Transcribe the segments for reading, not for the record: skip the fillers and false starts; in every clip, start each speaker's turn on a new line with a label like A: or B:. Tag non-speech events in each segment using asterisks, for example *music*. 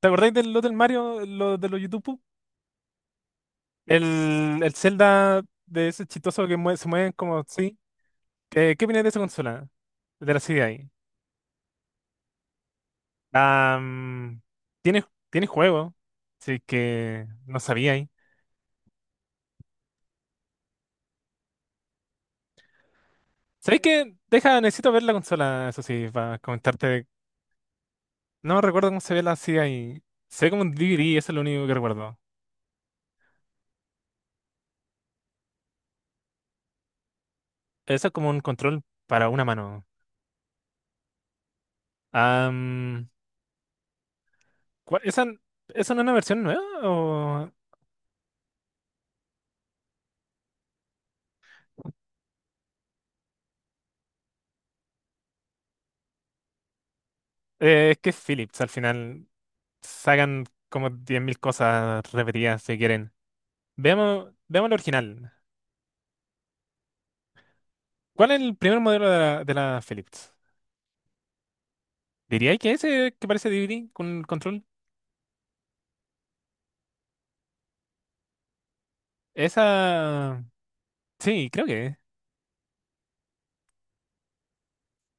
A: ¿Te acordáis del lo del Mario, lo de los YouTube? El Zelda de ese chistoso que se mueven como sí. ¿Qué opinas de esa consola? De la CDI. Ah, mm, tiene, tiene juego. Así que no sabía ahí. ¿Sabéis qué? Deja, necesito ver la consola, eso sí, para comentarte. No recuerdo cómo se ve la CDI. Se ve como un DVD, eso es lo único que recuerdo. Eso es como un control para una mano. Ah, mm, ¿Esa, esa no es una versión nueva? ¿O? Es que es Philips, al final sacan como diez mil cosas repetidas si quieren. Veamos, veamos el original. ¿Cuál es el primer modelo de la Philips? ¿Diría que ese que parece DVD con el control? Esa... Sí, creo que... es.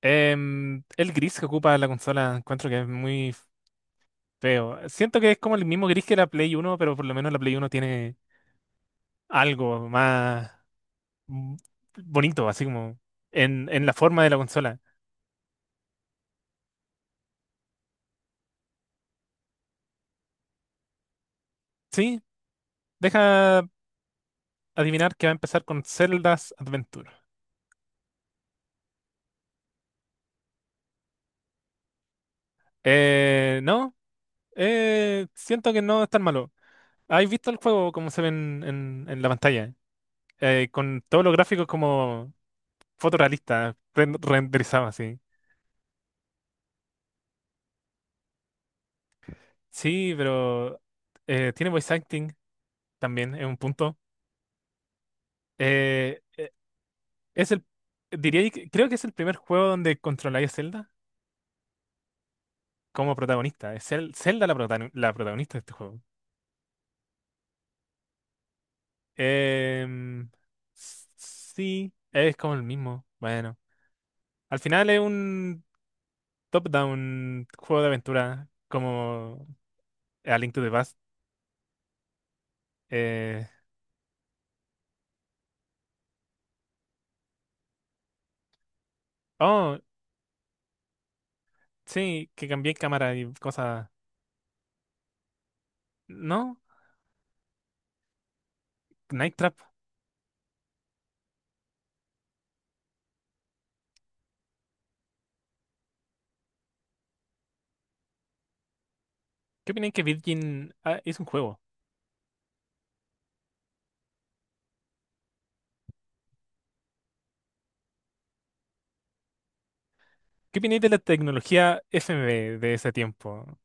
A: El gris que ocupa la consola encuentro que es muy feo. Siento que es como el mismo gris que la Play Uno, pero por lo menos la Play Uno tiene algo más mm, bonito, así como en la forma de la consola. Sí, deja... adivinar que va a empezar con Zelda's Adventure. No, siento que no es tan malo. ¿Has visto el juego como se ve en la pantalla? Con todos los gráficos como fotorrealistas, renderizados así. Sí, pero tiene voice acting también, es un punto. Eh, es el, diría, creo que es el primer juego donde controláis a Zelda como protagonista. Es Zelda la, la protagonista de este juego. Em, sí, es como el mismo. Bueno, al final es un top-down juego de aventura como A Link to the Past. Eh, oh, sí, que cambié cámara y cosas. No, Night Trap. ¿Qué opináis que Virgin ah, es un juego? ¿Qué opináis de la tecnología FMV de ese tiempo?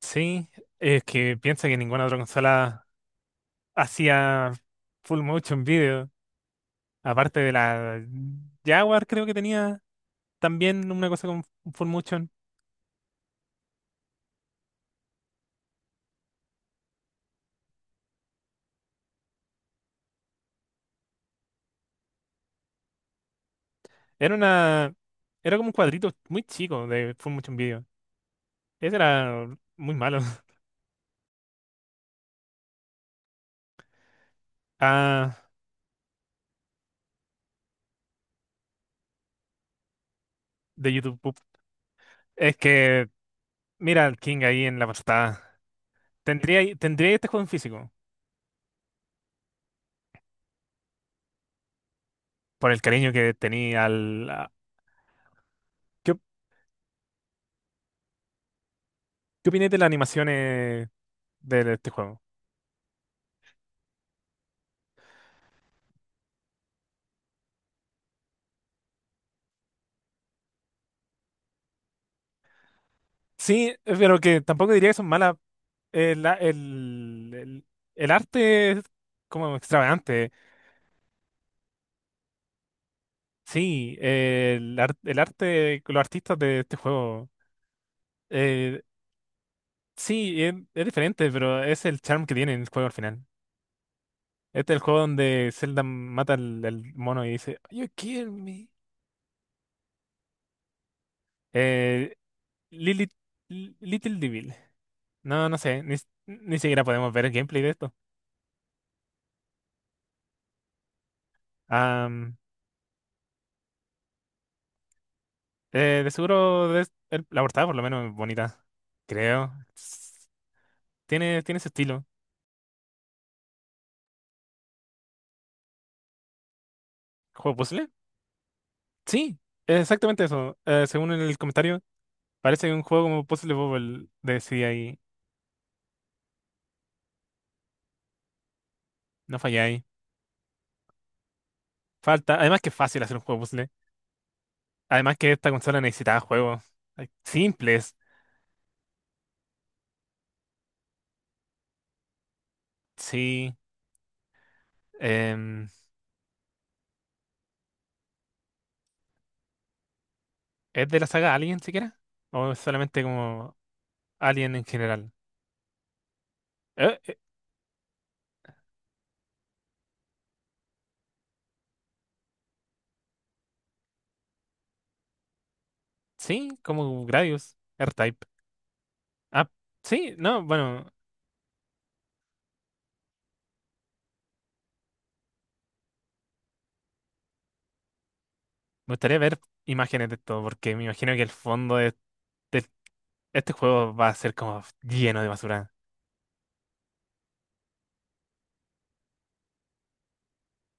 A: Sí, es que piensa que ninguna otra consola hacía full motion video, aparte de la Jaguar creo que tenía. También una cosa con Full Motion. Era una. Era como un cuadrito muy chico de Full Motion Video. Ese era muy malo. *laughs* Ah, de YouTube Poop. Es que, mira al King ahí en la portada. Tendría, tendría este juego en físico. Por el cariño que tenía al. A- ¿Qué, op- ¿Qué opináis de las animaciones de este juego? Sí, pero que tampoco diría que son malas. El, el, el, el arte es como extravagante. Sí, el arte, los artistas de este juego. eh, sí, es diferente, pero es el charm que tiene el juego al final. Este es el juego donde Zelda mata al mono y dice, "You kill me". Eh, Lilith- Little Devil. No, no sé, ni siquiera podemos ver el gameplay de esto. Am, de seguro la portada por lo menos es bonita, creo. Tiene, tiene ese estilo. ¿Juego puzzle? Sí, exactamente eso. Según el comentario. Parece que un juego como Puzzle Bobble de CDI. No falláis. Falta. Además que es fácil hacer un juego puzzle. Además que esta consola necesitaba juegos simples. Sí. Em, ¿Es de la saga Alien siquiera? ¿O es solamente como Alien en general? Eh, eh, sí, como Gradius, R-Type. Ah, sí, no, bueno, me gustaría ver imágenes de esto, porque me imagino que el fondo de este juego va a ser como lleno de basura.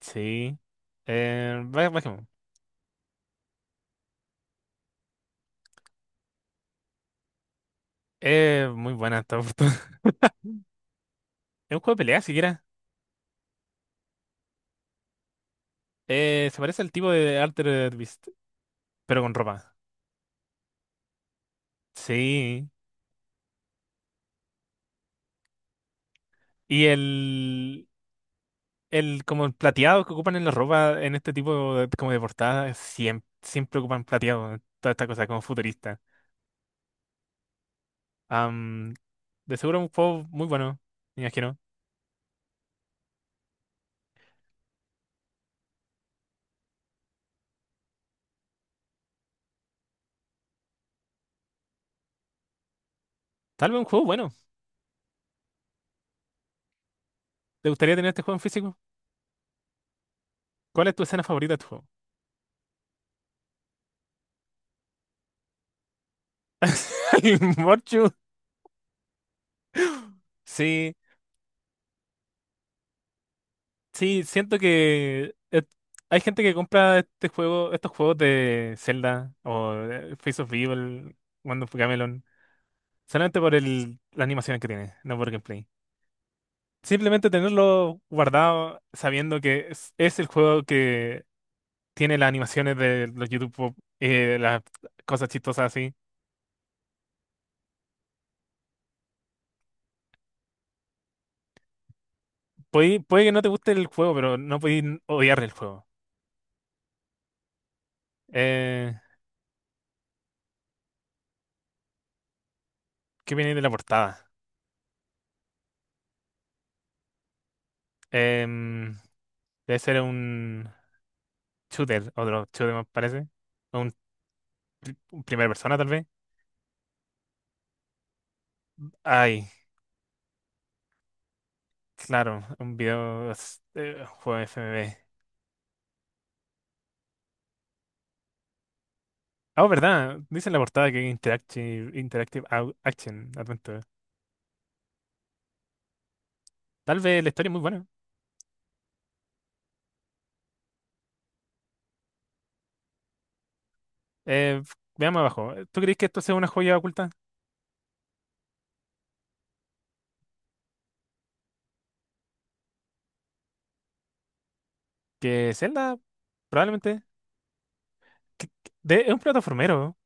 A: Sí. Bajemos. Es muy buena esta oportunidad. *laughs* Es un juego de pelea siquiera. Se parece al tipo de Altered Beast, pero con ropa. Sí. Y el, el como el plateado que ocupan en la ropa en este tipo de, como de portada, siempre, siempre ocupan plateado. Toda esta cosa como futurista. Am, de seguro un juego muy bueno, me imagino. Tal vez un juego bueno. ¿Te gustaría tener este juego en físico? ¿Cuál es tu escena favorita de tu juego? *laughs* ¿El Morchu? Sí. Sí, siento que hay gente que compra este juego, estos juegos de Zelda o de Face of Evil, Wand of Gamelon, solamente por el, las animaciones que tiene, no por gameplay. Simplemente tenerlo guardado sabiendo que es el juego que tiene las animaciones de los YouTube Pop, las cosas chistosas así. Puede, puede que no te guste el juego, pero no podéis odiar el juego. Eh, ¿Qué viene de la portada? Em, Debe ser un... shooter, otro shooter me parece. O Un, un primera persona tal vez. Ay, claro, un juego FMV. Ah, oh, verdad, dice en la portada que Interactive, Action Adventure. Tal vez la historia es muy buena. Eh, Veamos abajo. ¿Tú crees que esto sea una joya oculta? Que Zelda, probablemente. Es un plataformero.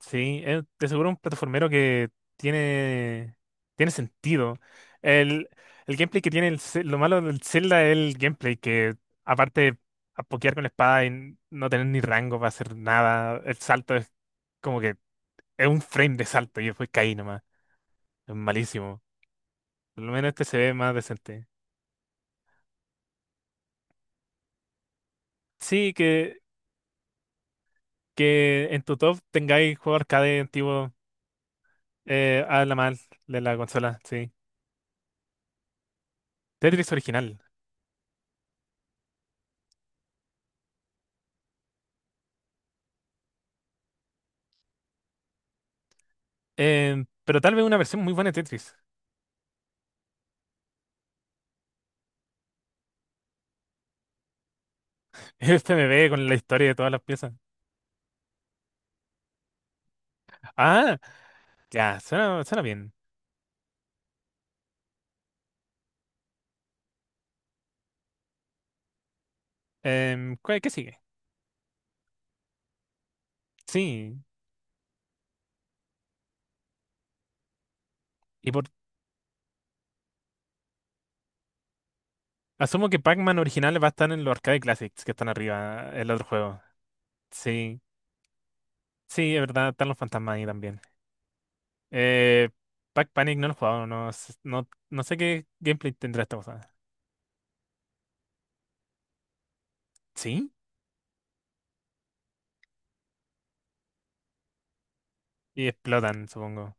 A: Sí, es de seguro un plataformero que tiene, tiene sentido. El, el gameplay que tiene lo malo del Zelda es el gameplay que aparte de a pokear con la espada y no tener ni rango para hacer nada, el salto es como que es un frame de salto y después caí nomás. Es malísimo. Por lo menos este se ve más decente. Sí, que en tu top tengáis juego arcade antiguo a la mal de la consola, sí. Tetris original. Pero tal vez una versión muy buena de Tetris. *laughs* Este me ve con la historia de todas las piezas. Ah, ya, suena, suena bien. Em, ¿qué sigue? Sí. Y por. Asumo que Pac-Man originales va a estar en los Arcade Classics que están arriba, el otro juego. Sí, sí, es verdad, están los fantasmas ahí también. Eh, Pac Panic no lo he jugado, no, no, no sé qué gameplay tendrá esta cosa. ¿Sí? Y explotan, supongo.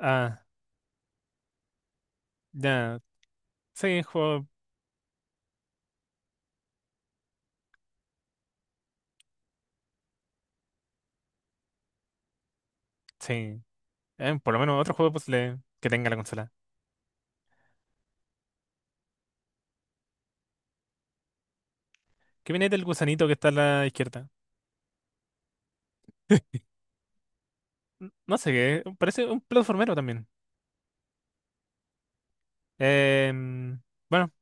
A: Ah, ya. Sí, juego. Sí. Por lo menos otro juego de puzzle que tenga la consola. ¿Qué viene del gusanito que está a la izquierda? No sé qué. Parece un platformero también. Em, bueno,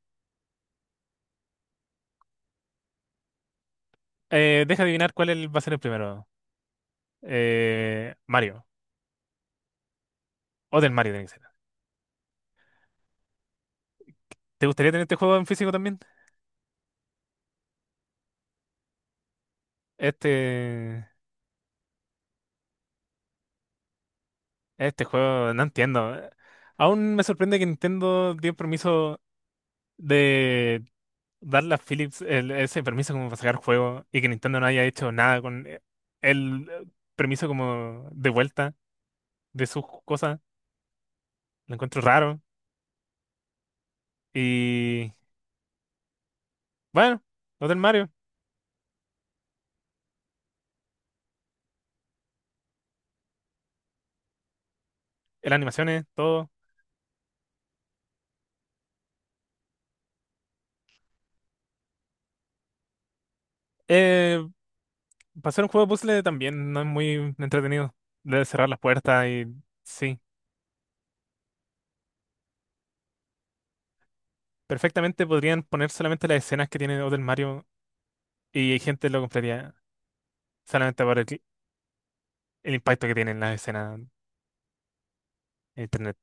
A: deja adivinar va a ser el primero. Mario. O del Mario tiene que ser. ¿Te gustaría tener este juego en físico también? Este. Este juego, no entiendo. Aún me sorprende que Nintendo dio permiso de darle a Philips ese permiso como para sacar juegos y que Nintendo no haya hecho nada con el permiso como de vuelta de sus cosas. Lo encuentro raro. Y bueno, lo del Mario. Las animaciones, todo. Eh, Pasar un juego de puzzle también no es muy entretenido. Debe cerrar las puertas y sí. Perfectamente podrían poner solamente las escenas que tiene Hotel Mario y hay gente lo compraría solamente por el impacto que tienen las escenas en internet.